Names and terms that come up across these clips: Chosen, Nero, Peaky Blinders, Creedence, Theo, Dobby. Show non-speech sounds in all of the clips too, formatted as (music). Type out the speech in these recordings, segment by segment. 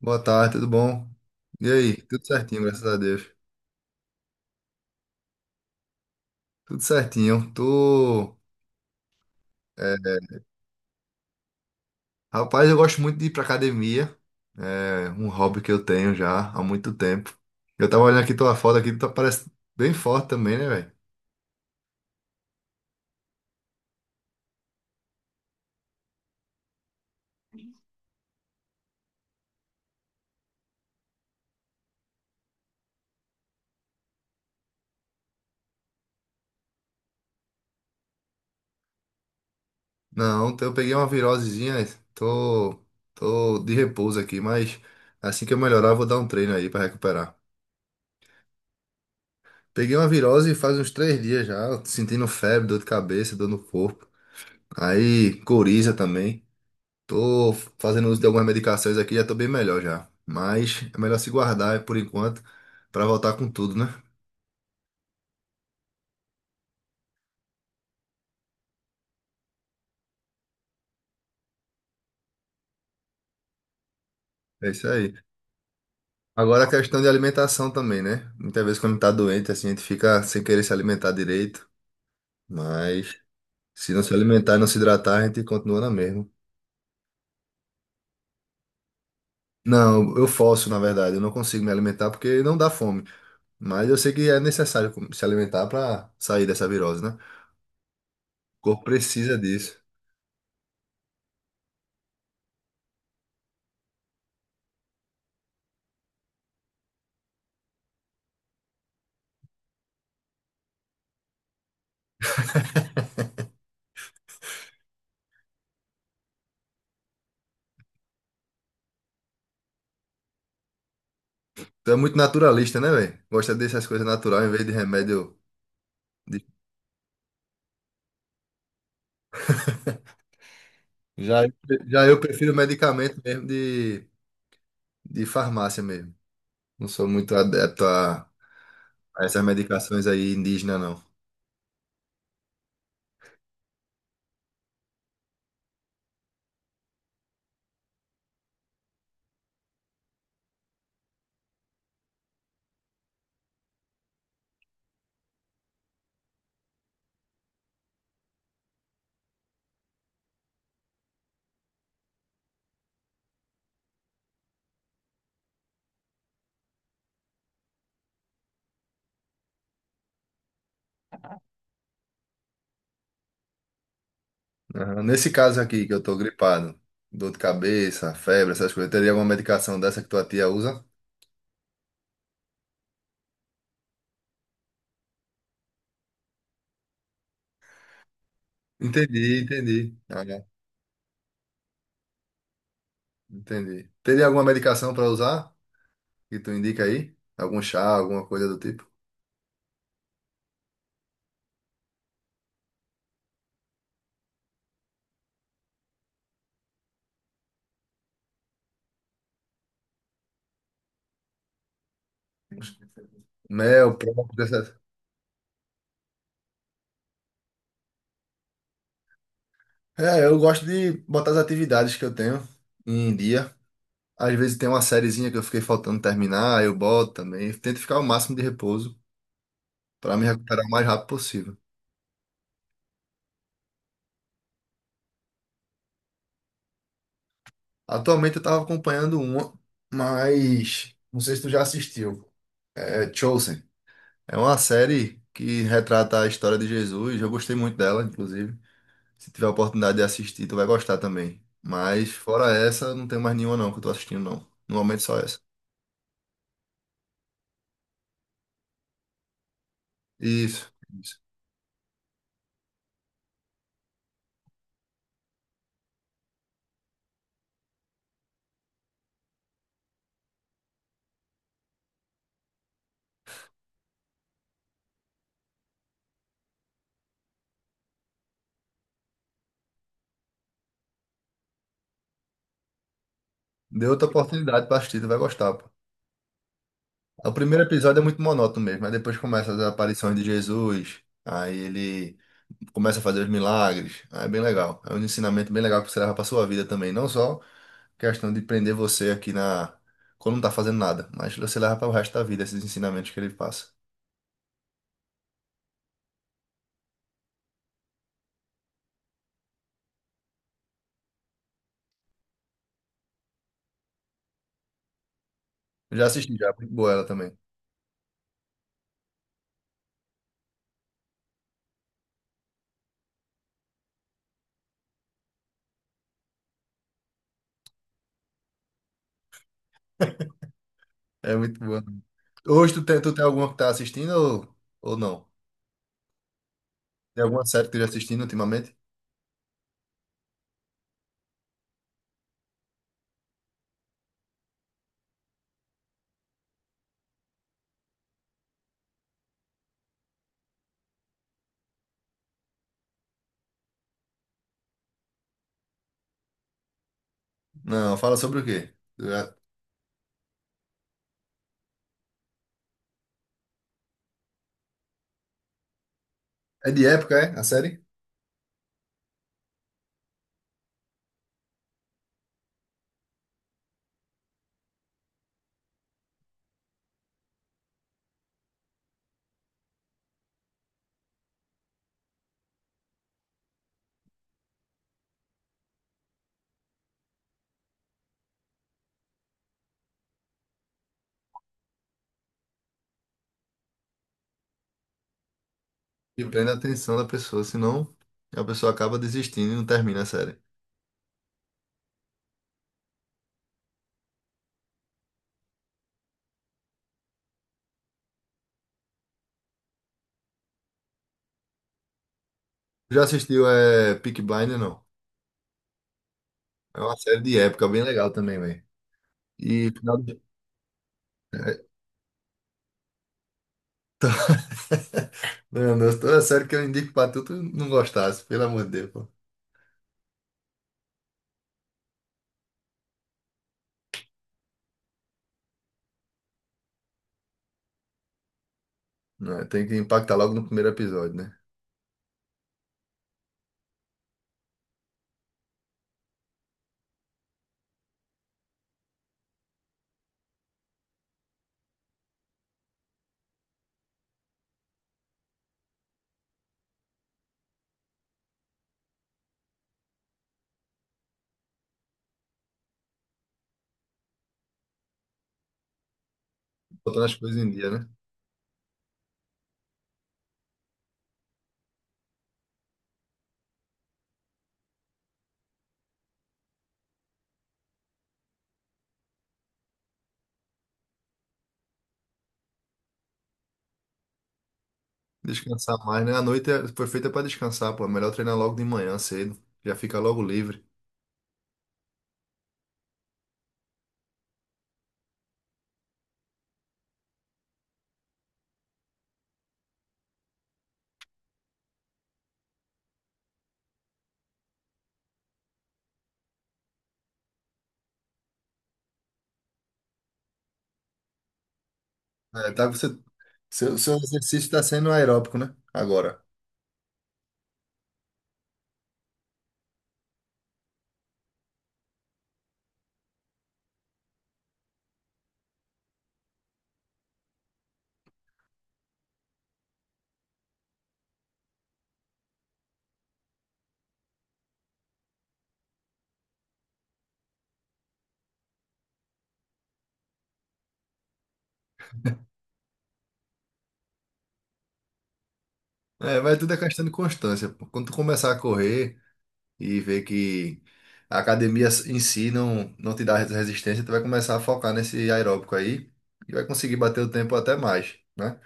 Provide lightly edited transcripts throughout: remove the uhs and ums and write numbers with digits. Boa tarde, tudo bom? E aí? Tudo certinho, graças a Deus. Tudo certinho. Tô... é, rapaz, eu gosto muito de ir pra academia. É um hobby que eu tenho já há muito tempo. Eu tava olhando aqui tua foto aqui, tu parece bem forte também, né, velho? Não, então eu peguei uma virosezinha, tô, tô de repouso aqui, mas assim que eu melhorar, eu vou dar um treino aí pra recuperar. Peguei uma virose faz uns 3 dias já, sentindo febre, dor de cabeça, dor no corpo. Aí, coriza também. Tô fazendo uso de algumas medicações aqui, já tô bem melhor já. Mas é melhor se guardar por enquanto pra voltar com tudo, né? É isso aí. Agora a questão de alimentação também, né? Muitas vezes quando tá doente, assim, a gente fica sem querer se alimentar direito. Mas se não se alimentar e não se hidratar, a gente continua na mesma. Não, eu forço, na verdade. Eu não consigo me alimentar porque não dá fome. Mas eu sei que é necessário se alimentar pra sair dessa virose, né? O corpo precisa disso. Tu é muito naturalista, né, velho? Gosta dessas coisas natural em vez de remédio. De- já, já eu prefiro medicamento mesmo de farmácia mesmo. Não sou muito adepto a essas medicações aí indígenas, não. Aham. Nesse caso aqui, que eu tô gripado, dor de cabeça, febre, essas coisas, teria alguma medicação dessa que tua tia usa? Entendi, entendi. Ah, é. Entendi. Teria alguma medicação para usar que tu indica aí? Algum chá, alguma coisa do tipo? Mel, própolis, essas... É, eu gosto de botar as atividades que eu tenho em dia. Às vezes tem uma sériezinha que eu fiquei faltando terminar, eu boto também. Tento ficar o máximo de repouso para me recuperar o mais rápido possível. Atualmente eu tava acompanhando uma, mas não sei se tu já assistiu. É Chosen. É uma série que retrata a história de Jesus. Eu gostei muito dela, inclusive. Se tiver a oportunidade de assistir, tu vai gostar também. Mas fora essa, não tem mais nenhuma não que eu tô assistindo não. No momento só essa. Isso, isso. Dê outra oportunidade pra assistir, tu vai gostar, pô. O primeiro episódio é muito monótono mesmo, aí depois começa as aparições de Jesus, aí ele começa a fazer os milagres, aí é bem legal. É um ensinamento bem legal que você leva pra sua vida também, não só questão de prender você aqui na quando não tá fazendo nada, mas você leva para o resto da vida esses ensinamentos que ele passa. Eu já assisti já, é muito boa ela também. É muito boa. Hoje tu tem alguma que tá assistindo ou não? Tem alguma série que tu já assistindo ultimamente? Não, fala sobre o quê? É de época, é? A série? E prende a atenção da pessoa, senão a pessoa acaba desistindo e não termina a série. Já assistiu é, Peaky Blinders? Não. É uma série de época bem legal também, velho. E final de... é, to- (laughs) Meu, toda série que eu indico pra tu, tu não gostasse, pelo amor de Deus, pô. Não, tem que impactar logo no primeiro episódio, né? Botando as coisas em dia, né? Descansar mais, né? A noite foi feita pra descansar, pô. É melhor treinar logo de manhã, cedo. Já fica logo livre. É, tá, você... Seu, seu exercício tá sendo aeróbico, né? Agora. É, mas tudo é questão de constância, pô. Quando tu começar a correr e ver que a academia em si não, não te dá resistência, tu vai começar a focar nesse aeróbico aí e vai conseguir bater o tempo até mais, né?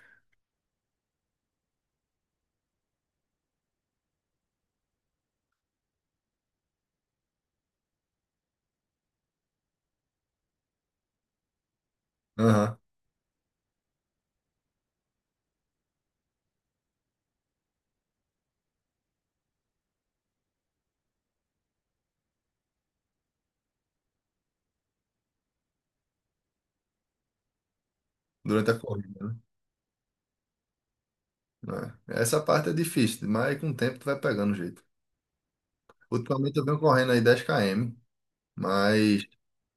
Aham. Durante a corrida, né? É. Essa parte é difícil, mas com o tempo tu vai pegando o jeito. Ultimamente eu venho correndo aí 10 km, mas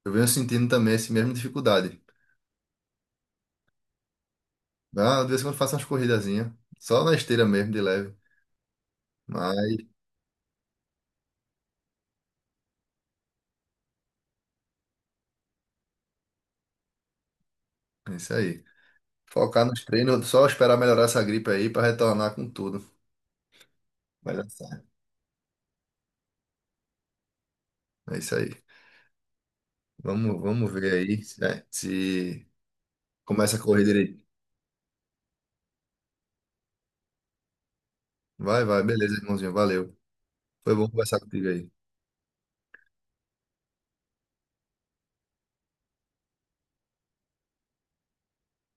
eu venho sentindo também essa mesma dificuldade. Ah, de vez em quando eu faço umas corridazinhas, só na esteira mesmo, de leve. Mas é isso aí. Focar nos treinos, só esperar melhorar essa gripe aí para retornar com tudo. Vai dar certo. É isso aí. Vamos, vamos ver aí, né, se começa a correr direito. Vai, vai, beleza, irmãozinho. Valeu. Foi bom conversar contigo aí.